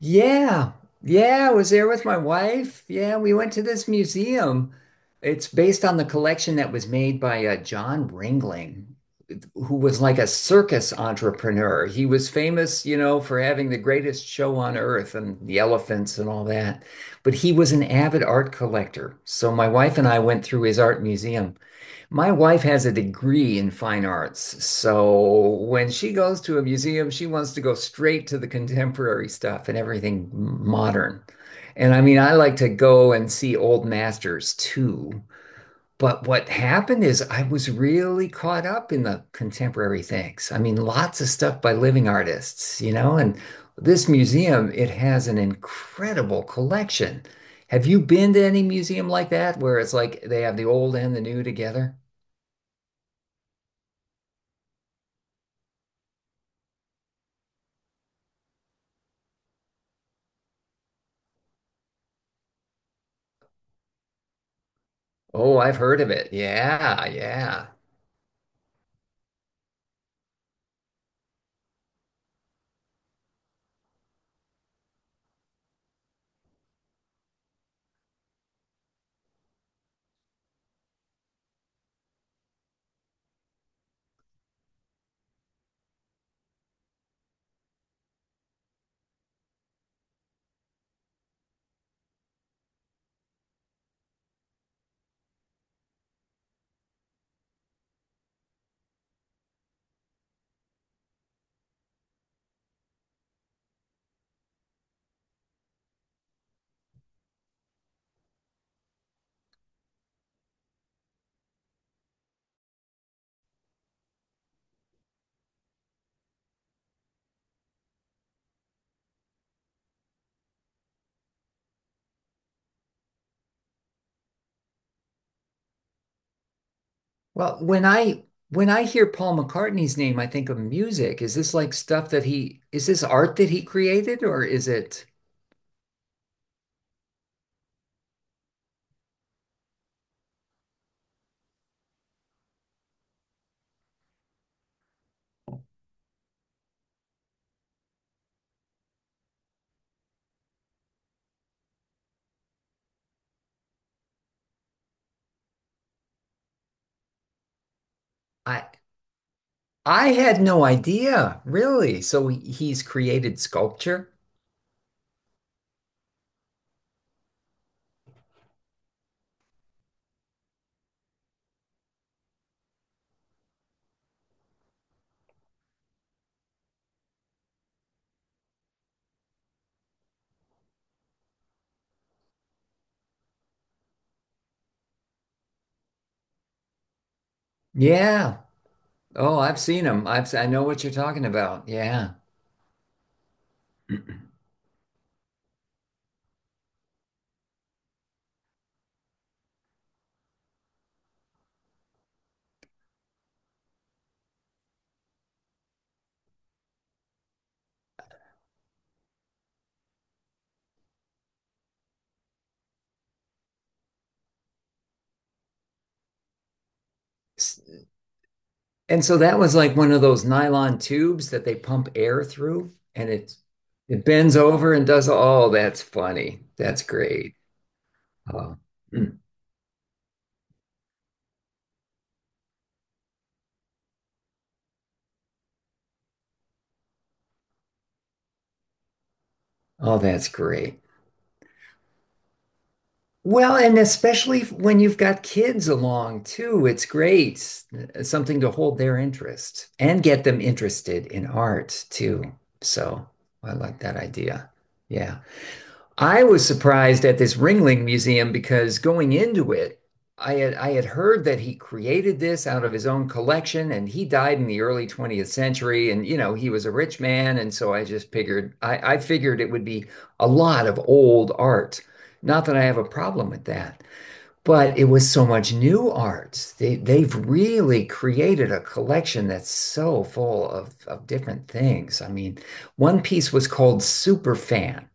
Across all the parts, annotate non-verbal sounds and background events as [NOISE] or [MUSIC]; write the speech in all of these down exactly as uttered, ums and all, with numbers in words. Yeah. Yeah, I was there with my wife. Yeah, we went to this museum. It's based on the collection that was made by uh, John Ringling, who was like a circus entrepreneur. He was famous, you know, for having the greatest show on earth and the elephants and all that. But he was an avid art collector. So my wife and I went through his art museum. My wife has a degree in fine arts, so when she goes to a museum, she wants to go straight to the contemporary stuff and everything modern. And I mean, I like to go and see old masters too. But what happened is I was really caught up in the contemporary things. I mean, lots of stuff by living artists, you know, and this museum, it has an incredible collection. Have you been to any museum like that where it's like they have the old and the new together? Oh, I've heard of it. Yeah, yeah. Well, when I when I hear Paul McCartney's name, I think of music. Is this like stuff that he is this art that he created or is it I I had no idea, really. So he- he's created sculpture? Yeah. Oh, I've seen him. I've s- I have I know what you're talking about. Yeah. [CLEARS THROAT] S- And so that was like one of those nylon tubes that they pump air through and it it bends over and does, oh, that's funny. That's great. Oh, mm. Oh, that's great. Well, and especially if- when you've got kids along too, it's great. Uh, Something to hold their interest and get them interested in art too. So I like that idea. Yeah. I was surprised at this Ringling Museum because going into it, I had I had heard that he created this out of his own collection and he died in the early twentieth century, and you know he was a rich man, and so I just figured I, I figured it would be a lot of old art. Not that I have a problem with that, but it was so much new art. They they've really created a collection that's so full of of different things. I mean, one piece was called Superfan,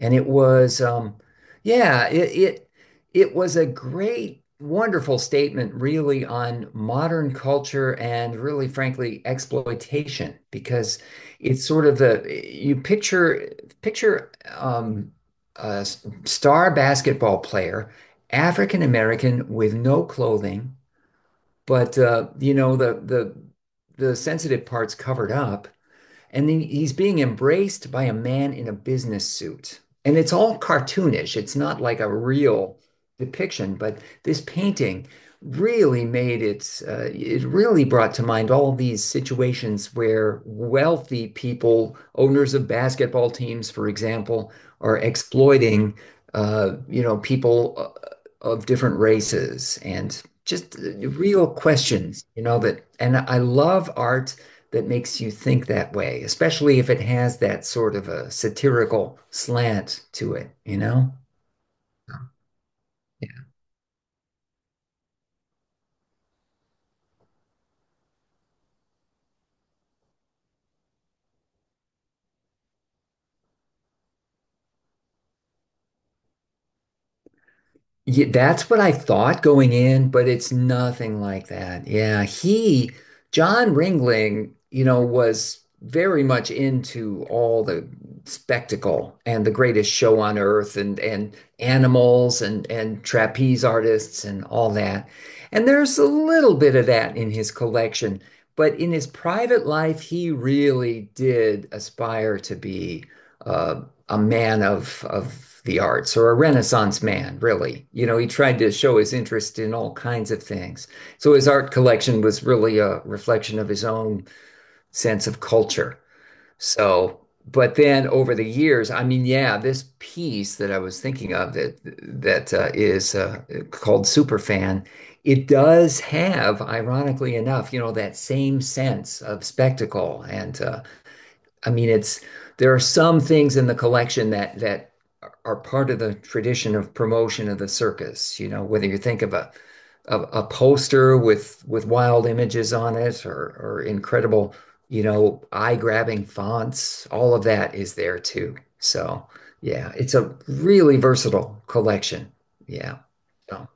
and it was, um, yeah, it, it it was a great, wonderful statement, really, on modern culture and really, frankly, exploitation, because it's sort of the you picture picture um, a s- star basketball player, African American with no clothing, but uh, you know the the the sensitive parts covered up, and then he's being embraced by a man in a business suit. And it's all cartoonish. It's not like a real depiction, but this painting really made it, uh, it really brought to mind all these situations where wealthy people, owners of basketball teams, for example, are exploiting, uh, you know, people uh, of different races, and just uh, real questions, you know, that, and I love art that makes you think that way, especially if it has that sort of a satirical slant to it, you know? Yeah, that's what I thought going in, but it's nothing like that. Yeah, he, John Ringling, you know, was very much into all the spectacle and the greatest show on earth and and animals and and trapeze artists and all that. And there's a little bit of that in his collection, but in his private life, he really did aspire to be uh, a man of of the arts, or a Renaissance man, really. You know, he tried to show his interest in all kinds of things. So his art collection was really a reflection of his own sense of culture. So, but then over the years, I mean, yeah, this piece that I was thinking of that that uh, is uh, called Superfan, it does have, ironically enough, you know, that same sense of spectacle and uh, I mean, it's there are some things in the collection that that are part of the tradition of promotion of the circus. You know, whether you think of a of a poster with with wild images on it, or or incredible, you know, eye-grabbing fonts, all of that is there too. So, yeah, it's a really versatile collection. Yeah. So.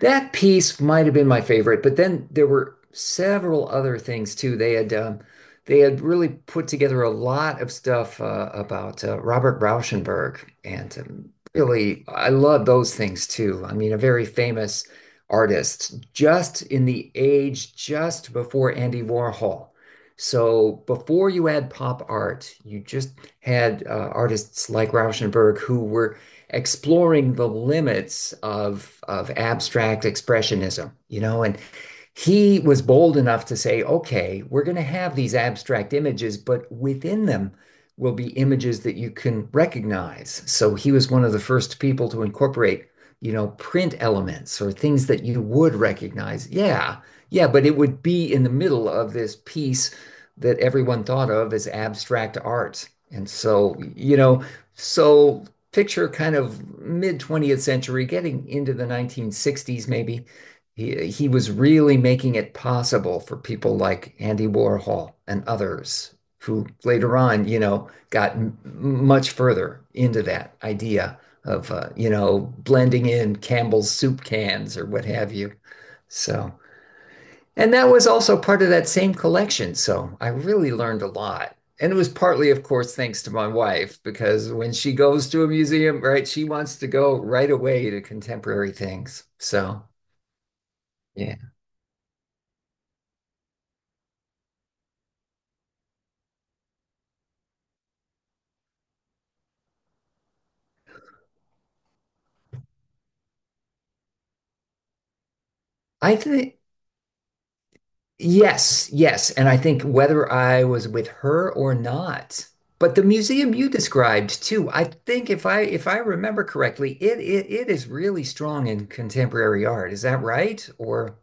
That piece might have been my favorite, but then there were several other things too. They had um, they had really put together a lot of stuff uh, about uh, Robert Rauschenberg, and um, really, I love those things too. I mean, a very famous artist, just in the age just before Andy Warhol. So before you had pop art, you just had uh, artists like Rauschenberg who were exploring the limits of of abstract expressionism, you know, and he was bold enough to say, okay, we're going to have these abstract images, but within them will be images that you can recognize. So he was one of the first people to incorporate, you know, print elements or things that you would recognize. Yeah, yeah, but it would be in the middle of this piece that everyone thought of as abstract art. And so, you know, so picture kind of mid twentieth century, getting into the nineteen sixties maybe, he he was really making it possible for people like Andy Warhol and others who later on, you know, got m much further into that idea of uh, you know, blending in Campbell's soup cans or what have you. So, and that was also part of that same collection. So I really learned a lot. And it was partly, of course, thanks to my wife, because when she goes to a museum, right, she wants to go right away to contemporary things. So, yeah, I think. Yes, yes. And I think whether I was with her or not, but the museum you described too, I think if I if I remember correctly, it it, it is really strong in contemporary art. Is that right? Or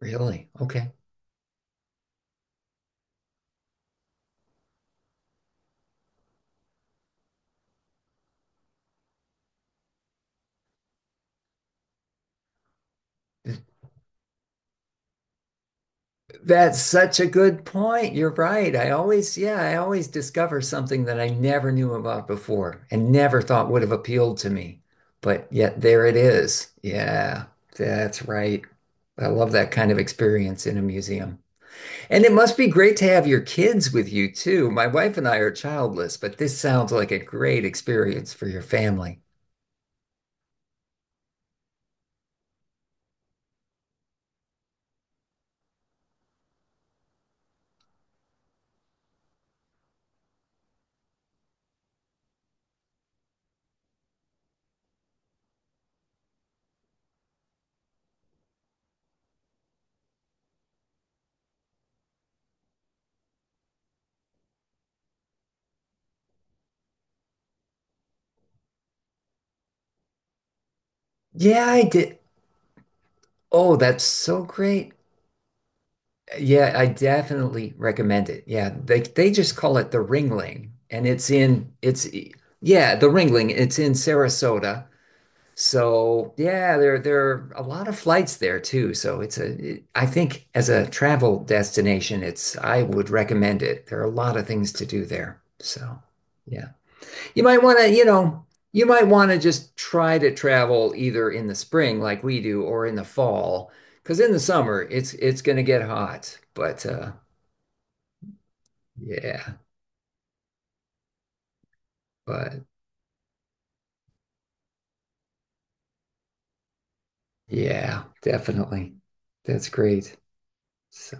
really? Okay. That's such a good point. You're right. I always, yeah, I always discover something that I never knew about before and never thought would have appealed to me. But yet there it is. Yeah, that's right. I love that kind of experience in a museum. And it must be great to have your kids with you too. My wife and I are childless, but this sounds like a great experience for your family. Yeah, I did. Oh, that's so great. Yeah, I definitely recommend it. Yeah, they they just call it the Ringling, and it's in it's yeah, the Ringling. It's in Sarasota. So yeah, there there are a lot of flights there too. So it's a it- I think as a travel destination, it's I would recommend it. There are a lot of things to do there. So yeah. You might want to, you know, you might want to just try to travel either in the spring like we do or in the fall, because in the summer it's it's going to get hot. But uh yeah, but yeah, definitely. That's great. So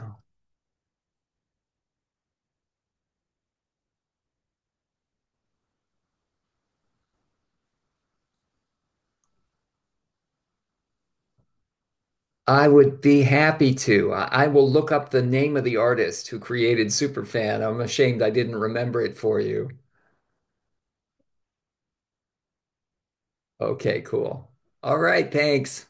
I would be happy to. I, I will look up the name of the artist who created Superfan. I'm ashamed I didn't remember it for you. Okay, cool. All right, thanks.